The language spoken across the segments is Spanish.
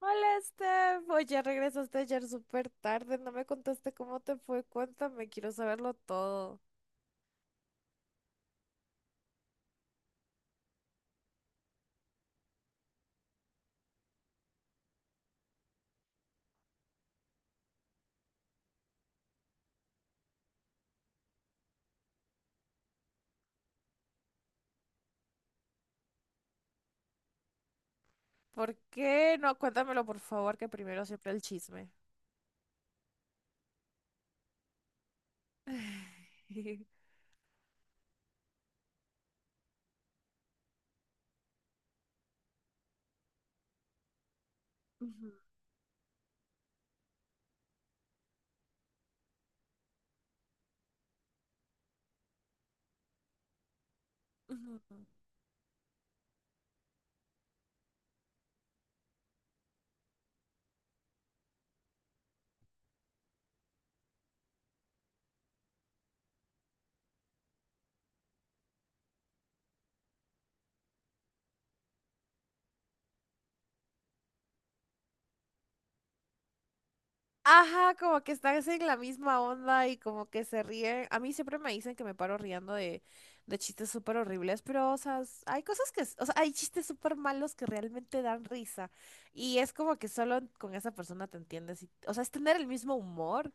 Hola, Steph. Oye, regresaste ayer súper tarde. No me contaste cómo te fue. Cuéntame, quiero saberlo todo. ¿Por qué? No, cuéntamelo, por favor, que primero siempre el chisme. Ujú, ujú. Ajá, como que estás en la misma onda y como que se ríen. A mí siempre me dicen que me paro riendo de, chistes súper horribles, pero, o sea, hay cosas que, o sea, hay chistes súper malos que realmente dan risa. Y es como que solo con esa persona te entiendes. O sea, es tener el mismo humor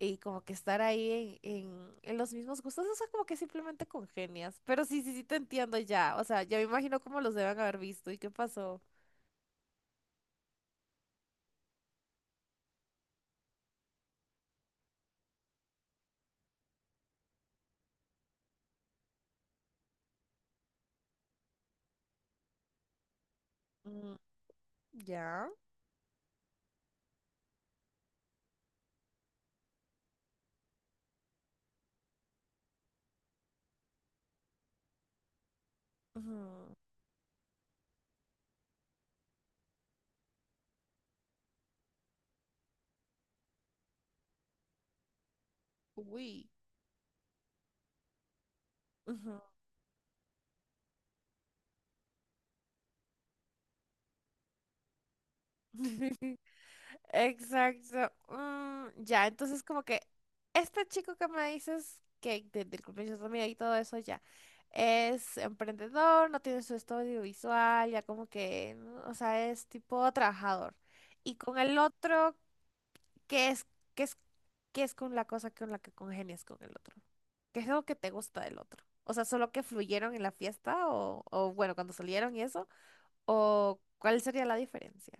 y como que estar ahí en los mismos gustos. O sea, como que simplemente congenias. Pero sí, sí, sí te entiendo ya. O sea, ya me imagino cómo los deben haber visto y qué pasó. Mm, ya. Ujú. Uy. Ujú. Exacto. Mm, ya, entonces como que este chico que me dices que del cumpleaños de tu amiga y todo eso ya es emprendedor, no tiene su estudio visual, ya como que, ¿no? O sea, es tipo trabajador. Y con el otro, ¿qué es, qué es, qué es con la cosa con la que congenias con el otro? ¿Qué es lo que te gusta del otro? O sea, solo que fluyeron en la fiesta o, bueno, cuando salieron y eso, o ¿cuál sería la diferencia?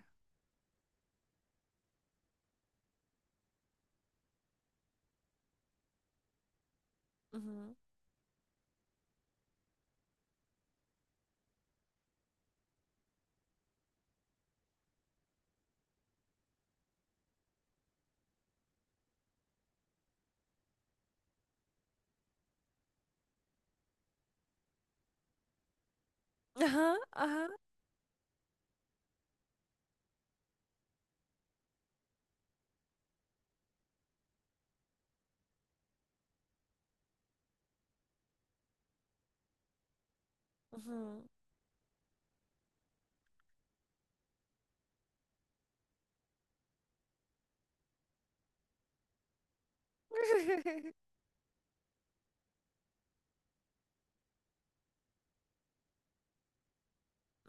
Ujú. Ajá, ajá. Ujú.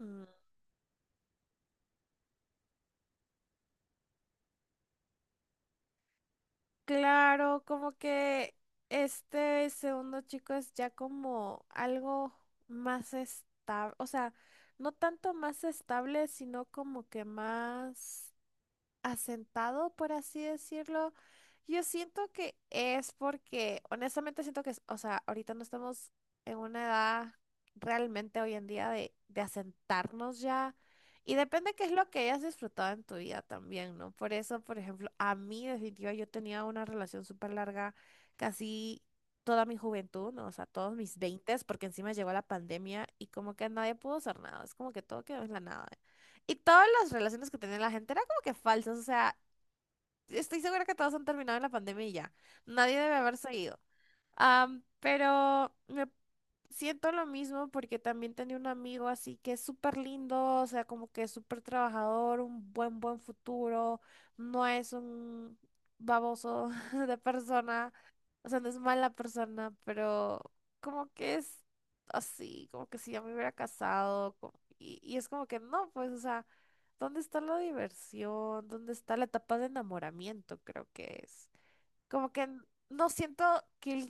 Mm, claro, como que este segundo chico es ya como algo más estable, o sea, no tanto más estable, sino como que más asentado, por así decirlo. Yo siento que es porque, honestamente siento que, o sea, ahorita no estamos en una edad realmente hoy en día de asentarnos ya. Y depende qué es lo que hayas disfrutado en tu vida también, ¿no? Por eso, por ejemplo, a mí definitiva yo tenía una relación súper larga, casi toda mi juventud, ¿no? O sea, todos mis veintes, porque encima llegó la pandemia y como que nadie pudo hacer nada, es como que todo quedó en la nada. Y todas las relaciones que tenía la gente eran como que falsas, o sea, estoy segura que todos han terminado en la pandemia y ya. Nadie debe haber seguido. Pero me siento lo mismo porque también tenía un amigo así que es súper lindo, o sea, como que es súper trabajador, un buen futuro, no es un baboso de persona, o sea, no es mala persona, pero como que es así, como que si ya me hubiera casado, y es como que no, pues, o sea. ¿Dónde está la diversión? ¿Dónde está la etapa de enamoramiento? Creo que es. Como que no siento que él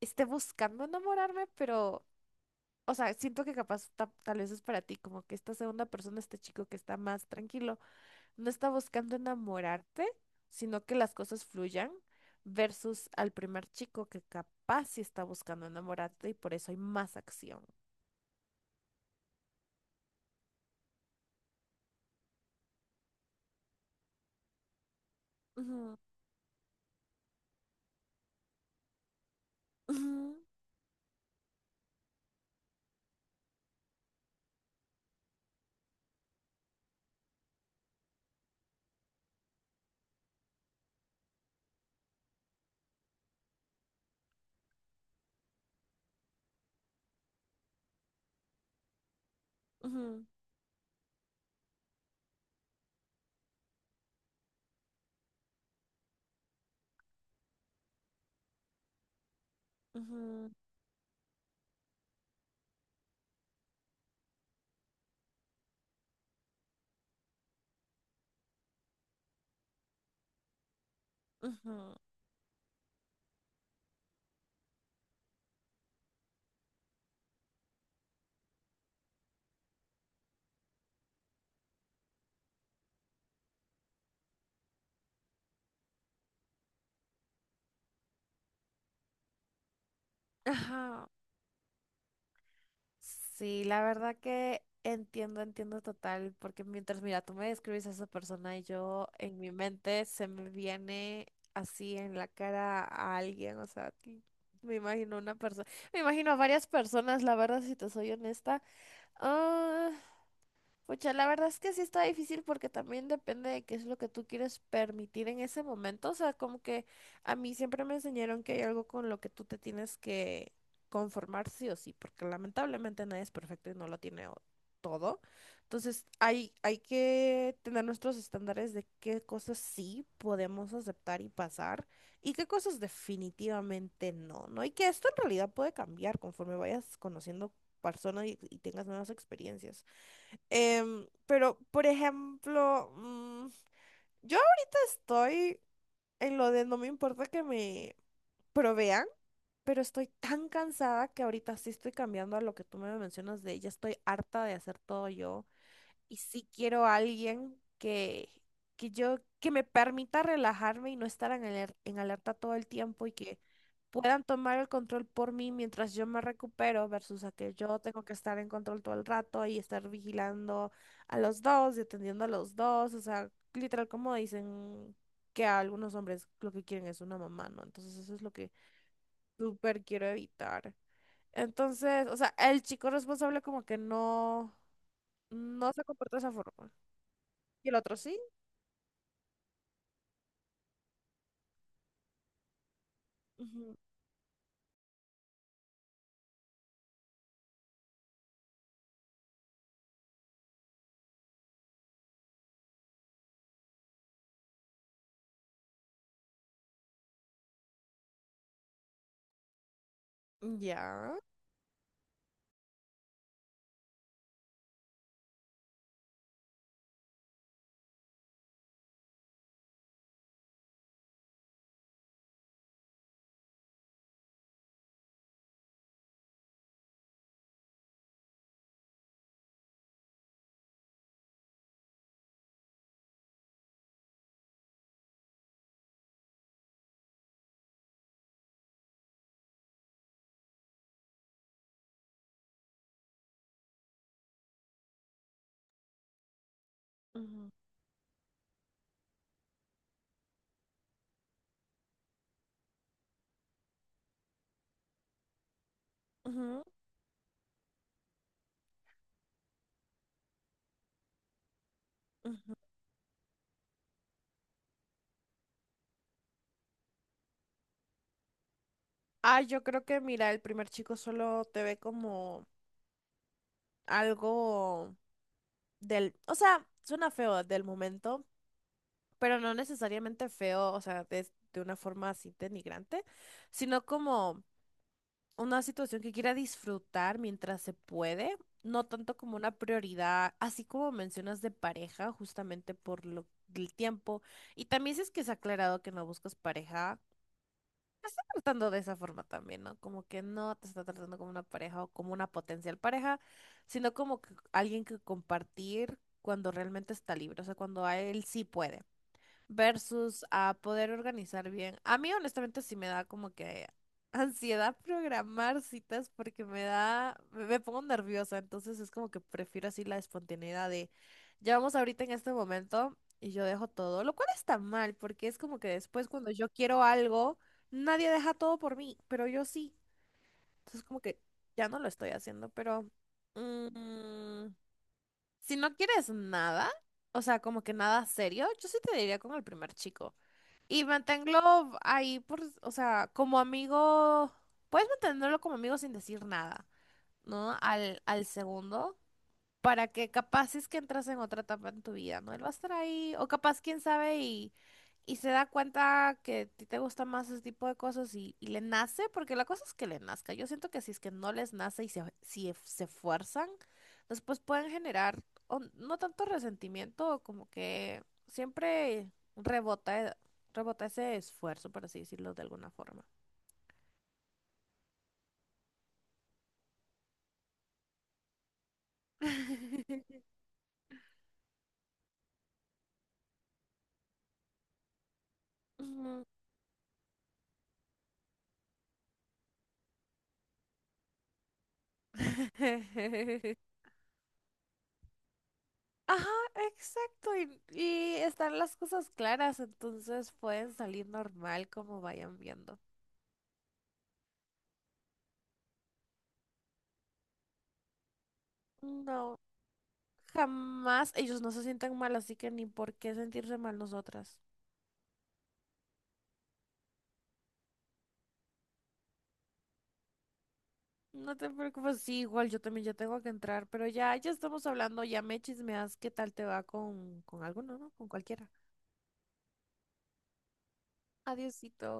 esté buscando enamorarme, pero, o sea, siento que capaz tal vez es para ti, como que esta segunda persona, este chico que está más tranquilo, no está buscando enamorarte, sino que las cosas fluyan, versus al primer chico que capaz sí está buscando enamorarte y por eso hay más acción. Ujú, ujú, ujú, ujú, ujú. Ajá. Sí, la verdad que entiendo, entiendo total, porque mientras, mira, tú me describes a esa persona y yo en mi mente se me viene así en la cara a alguien, o sea, que me imagino una persona, me imagino a varias personas, la verdad, si te soy honesta. Ah, pucha, la verdad es que sí está difícil porque también depende de qué es lo que tú quieres permitir en ese momento. O sea, como que a mí siempre me enseñaron que hay algo con lo que tú te tienes que conformar sí o sí, porque lamentablemente nadie es perfecto y no lo tiene todo. Entonces, hay, que tener nuestros estándares de qué cosas sí podemos aceptar y pasar y qué cosas definitivamente no, ¿no? Y que esto en realidad puede cambiar conforme vayas conociendo personas y tengas nuevas experiencias. Pero, por ejemplo, yo ahorita estoy en lo de no me importa que me provean, pero estoy tan cansada que ahorita sí estoy cambiando a lo que tú me mencionas de ya estoy harta de hacer todo yo. Y sí quiero a alguien que me permita relajarme y no estar en alerta todo el tiempo y que puedan tomar el control por mí mientras yo me recupero versus a que yo tengo que estar en control todo el rato y estar vigilando a los dos y atendiendo a los dos. O sea, literal como dicen que a algunos hombres lo que quieren es una mamá, ¿no? Entonces eso es lo que súper quiero evitar. Entonces, o sea, el chico responsable como que no, no se comporta de esa forma. Y el otro sí. Ujú, ya. Ujú, ujú, ujú. Ah, yo creo que, mira, el primer chico solo te ve como algo del, o sea, suena feo del momento, pero no necesariamente feo, o sea, de una forma así denigrante, sino como una situación que quiera disfrutar mientras se puede, no tanto como una prioridad, así como mencionas de pareja, justamente por lo, el tiempo. Y también si es que se ha aclarado que no buscas pareja tratando de esa forma también, ¿no? Como que no te está tratando como una pareja o como una potencial pareja, sino como que alguien que compartir cuando realmente está libre, o sea, cuando a él sí puede versus a poder organizar bien. A mí honestamente sí me da como que ansiedad programar citas porque me da, me pongo nerviosa, entonces es como que prefiero así la espontaneidad de, ya vamos ahorita en este momento y yo dejo todo, lo cual está mal porque es como que después cuando yo quiero algo, nadie deja todo por mí, pero yo sí. Entonces como que ya no lo estoy haciendo, pero mm, si no quieres nada, o sea, como que nada serio, yo sí te diría con el primer chico. Y manténlo ahí por, o sea, como amigo, puedes mantenerlo como amigo sin decir nada, ¿no? Al segundo para que capaz es que entras en otra etapa en tu vida, ¿no? Él va a estar ahí, o capaz, quién sabe, y se da cuenta que a ti te gusta más ese tipo de cosas y le nace, porque la cosa es que le nazca. Yo siento que si es que no les nace y si se fuerzan, después pueden generar o no tanto resentimiento, como que siempre rebota, rebota ese esfuerzo, por así decirlo de alguna forma. Ujú. Ajá, exacto. Y están las cosas claras, entonces pueden salir normal como vayan viendo. No, jamás ellos no se sientan mal, así que ni por qué sentirse mal nosotras. No te preocupes, sí, igual yo también ya tengo que entrar, pero ya, ya estamos hablando, ya me chismeas qué tal te va con, alguno, ¿no? Con cualquiera. Adiosito.